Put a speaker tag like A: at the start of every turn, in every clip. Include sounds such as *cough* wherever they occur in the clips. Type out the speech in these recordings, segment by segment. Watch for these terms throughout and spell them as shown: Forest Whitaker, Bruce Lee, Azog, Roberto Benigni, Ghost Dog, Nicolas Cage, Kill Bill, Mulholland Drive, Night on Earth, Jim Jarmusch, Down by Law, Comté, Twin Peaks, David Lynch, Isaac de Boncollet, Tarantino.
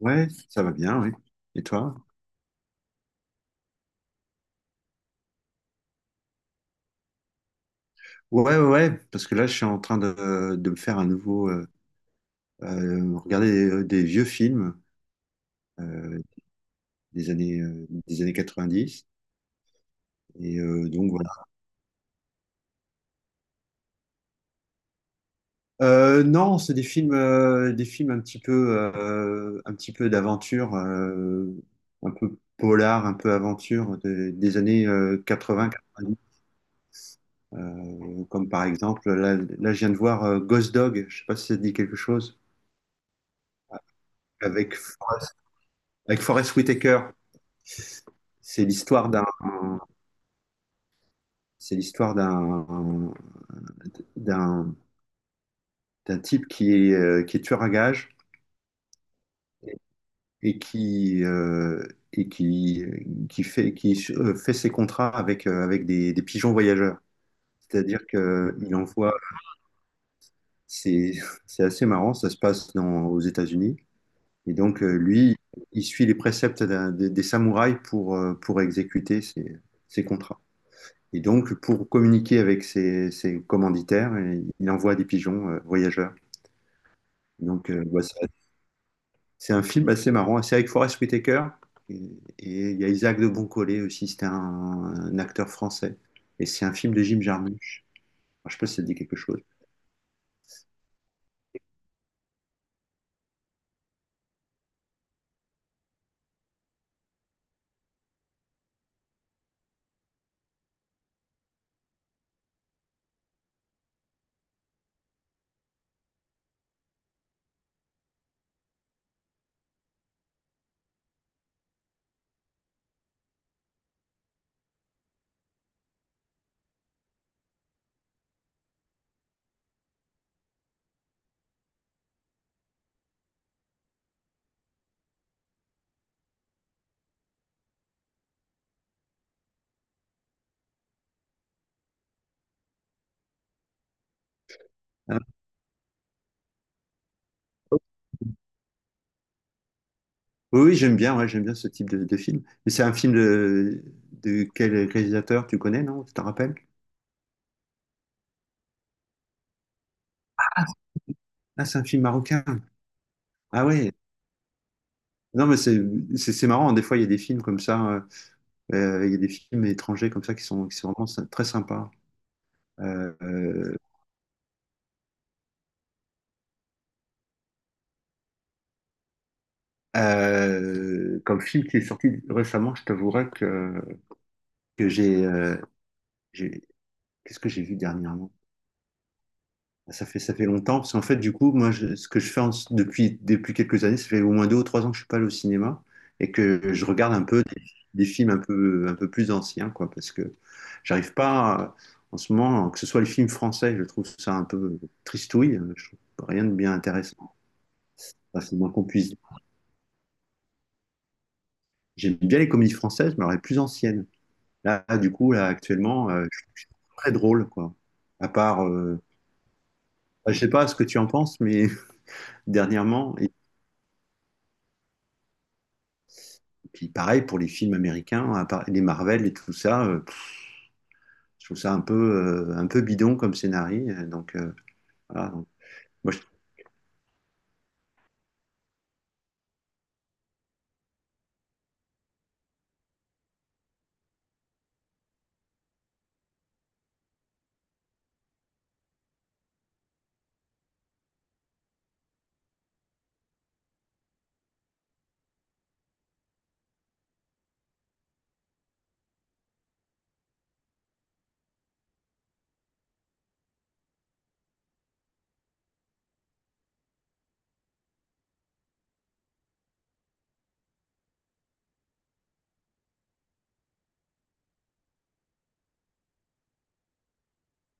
A: Ouais, ça va bien, oui. Et toi? Ouais, ouais, ouais, parce que là, je suis en train de me faire un nouveau, regarder des vieux films euh, des années quatre-vingt-dix. Et donc voilà. Non, c'est des films un petit peu d'aventure, un peu polar, un peu aventure des années 80-90. Comme par exemple, là, je viens de voir Ghost Dog. Je sais pas si ça te dit quelque chose. Avec Forrest... Avec Forest Whitaker. C'est l'histoire d'un, c'est l'histoire d'un, d'un, d'un type qui est tueur à gages et et qui, qui fait ses contrats avec, avec des pigeons voyageurs. C'est-à-dire qu'il envoie, c'est, c'est assez marrant, ça se passe dans, aux États-Unis. Et donc, lui, il suit les préceptes des samouraïs pour exécuter ses, ses contrats. Et donc, pour communiquer avec ses, ses commanditaires, il envoie des pigeons voyageurs. Donc, bah, c'est un film assez marrant. C'est avec Forest Whitaker et il y a Isaac de Boncollet aussi. C'était un acteur français. Et c'est un film de Jim Jarmusch. Alors, je sais pas si ça te dit quelque chose. Hein, oui, oui, j'aime bien. Ouais, j'aime bien ce type de film. Mais c'est un film de quel réalisateur tu connais, non? Tu t'en rappelles? Ah, c'est un film marocain. Ah ouais. Non, mais c'est marrant. Des fois, il y a des films comme ça. Il y a des films étrangers comme ça qui sont vraiment très sympas. Euh, euh, Comme film qui est sorti récemment, je t'avouerai que j'ai, euh, j'ai- qu'est-ce que j'ai vu dernièrement? Ah, ça fait, ça fait longtemps, parce qu'en fait, du coup, moi, ce que je fais depuis, depuis quelques années, ça fait au moins deux ou trois ans que je suis pas allé au cinéma et que je regarde un peu des films un peu plus anciens, quoi, parce que j'arrive pas, en ce moment, que ce soit les films français, je trouve ça un peu tristouille, je trouve rien de bien intéressant. Enfin, c'est le moins qu'on puisse dire. J'aime bien les comédies françaises, mais alors les plus anciennes. Là, du coup, là, actuellement, je suis très drôle, quoi. À part, bah, je sais pas ce que tu en penses, mais *laughs* dernièrement, et puis pareil pour les films américains, à part les Marvel et tout ça, pff, je trouve ça un peu bidon comme scénario. Donc, voilà. Donc, moi, je-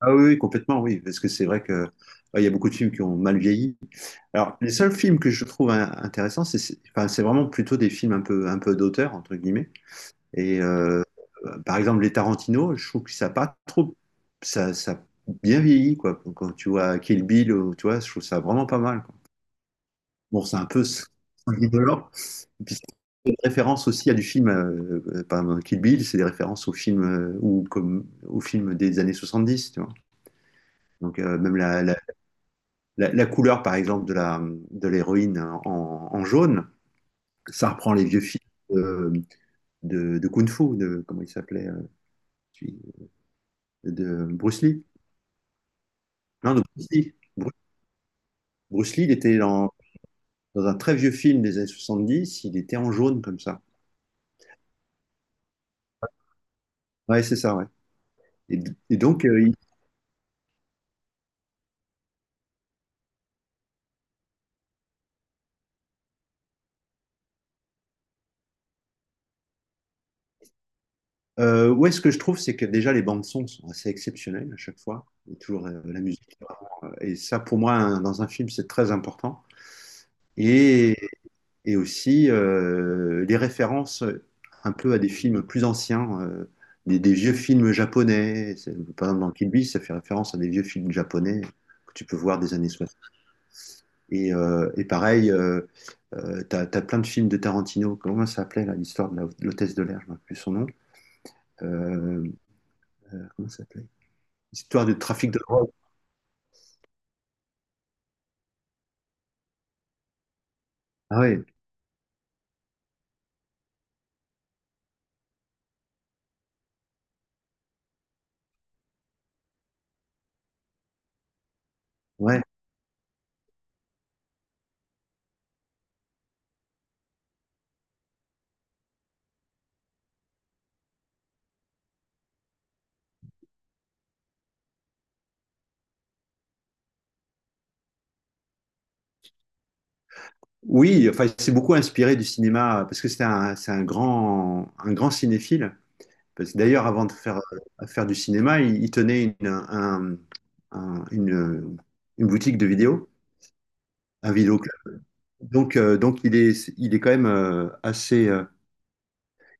A: Ah oui, oui, complètement, oui, parce que c'est vrai que ouais, il y a beaucoup de films qui ont mal vieilli. Alors, les seuls films que je trouve hein, intéressants, enfin, c'est vraiment plutôt des films un peu d'auteur, entre guillemets. Et par exemple, les Tarantino, je trouve que ça a pas trop, ça a bien vieilli quoi. Quand tu vois Kill Bill, tu vois, je trouve ça vraiment pas mal quoi. Bon, c'est un peu indolore. Et puis c'est une référence aussi à du film, par exemple, Kill Bill, c'est des références au film ou comme au film des années 70, tu vois. Donc même la couleur, par exemple, de la de l'héroïne en, en jaune, ça reprend les vieux films. euh, de Kung Fu, de, comment il s'appelait, celui- de Bruce Lee. Non, de Bruce Lee. Bruce Lee, il était dans, dans un très vieux film des années 70, il était en jaune comme ça. Ouais, c'est ça, ouais. Et, et donc, ouais, ce que je trouve, c'est que déjà les bandes son sont assez exceptionnelles à chaque fois. Et toujours la musique. Et ça, pour moi, dans un film, c'est très important. Et, et aussi les références un peu à des films plus anciens, des vieux films japonais. C'est- Par exemple, dans Kill Bill, ça fait référence à des vieux films japonais que tu peux voir des années... et pareil, t'as, t'as plein de films de Tarantino. Comment ça s'appelait là, l'histoire de de l'hôtesse de l'air, je ne me rappelle plus son nom. Euh, comment ça s'appelait? L'histoire de trafic de drogue. Ah ouais, ouais. Oui, enfin, c'est beaucoup inspiré du cinéma parce que c'est un grand cinéphile. Parce que d'ailleurs, avant de faire, faire du cinéma, il tenait un- une, une boutique de vidéos, un vidéoclub. Donc il est quand même euh, assez, euh,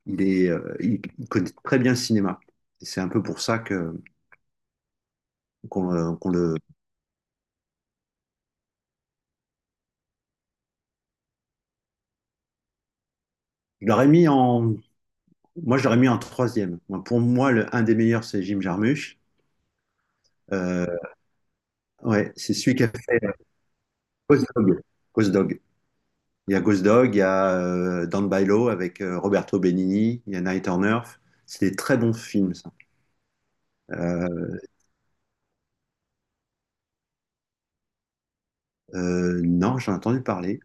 A: il est, euh, il connaît très bien le cinéma. Et c'est un peu pour ça que qu'on le, je l'aurais mis en, moi je l'aurais mis en troisième. Moi, pour moi, le, un des meilleurs, c'est Jim Jarmusch. Euh, ouais, c'est celui qui a fait Ghost Dog. Ghost Dog. Il y a Ghost Dog, il y a Down by Law avec Roberto Benigni, il y a Night on Earth. C'est des très bons films, ça. Euh, non, j'en ai entendu parler.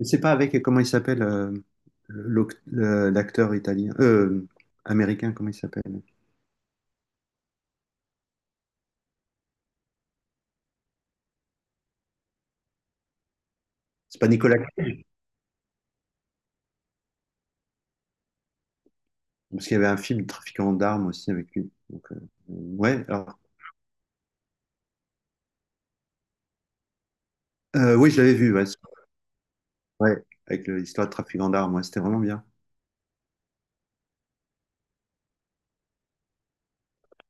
A: Je sais pas avec comment il s'appelle l'acteur italien, américain, comment il s'appelle. C'est pas Nicolas Cage, parce qu'il y avait un film Trafiquant d'armes aussi avec lui. Donc, ouais, alors, oui, je l'avais vu, ouais, c'est- ouais, avec l'histoire de Trafiquant d'armes, ouais, c'était vraiment bien.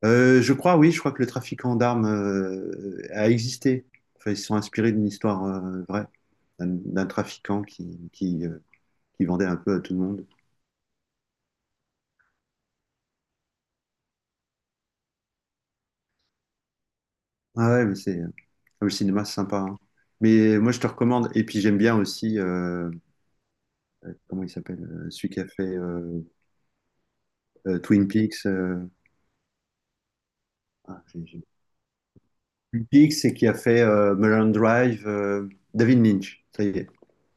A: Je crois, oui, je crois que le Trafiquant d'armes a existé. Enfin, ils se sont inspirés d'une histoire vraie, d'un trafiquant qui, qui vendait un peu à tout le monde. Ah ouais, mais c'est, ah oui, le cinéma, c'est sympa, hein. Mais moi, je te recommande. Et puis, j'aime bien aussi, comment il s'appelle, celui qui a fait Twin Peaks. Ah, j'ai- j'ai- Big, c'est qui a fait Mulholland Drive, David Lynch, ça y est,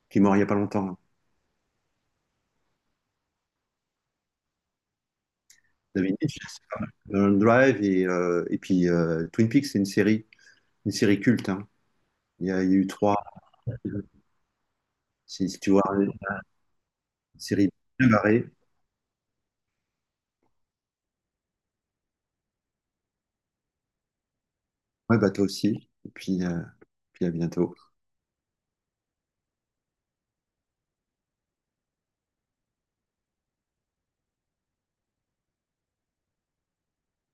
A: qui est mort il n'y a pas longtemps, hein. David Lynch, Mulholland Drive et puis Twin Peaks, c'est une série culte, hein. Il y a eu trois, si, si tu vois, une série bien barrée. Ouais, bah toi aussi. Et puis, puis à bientôt.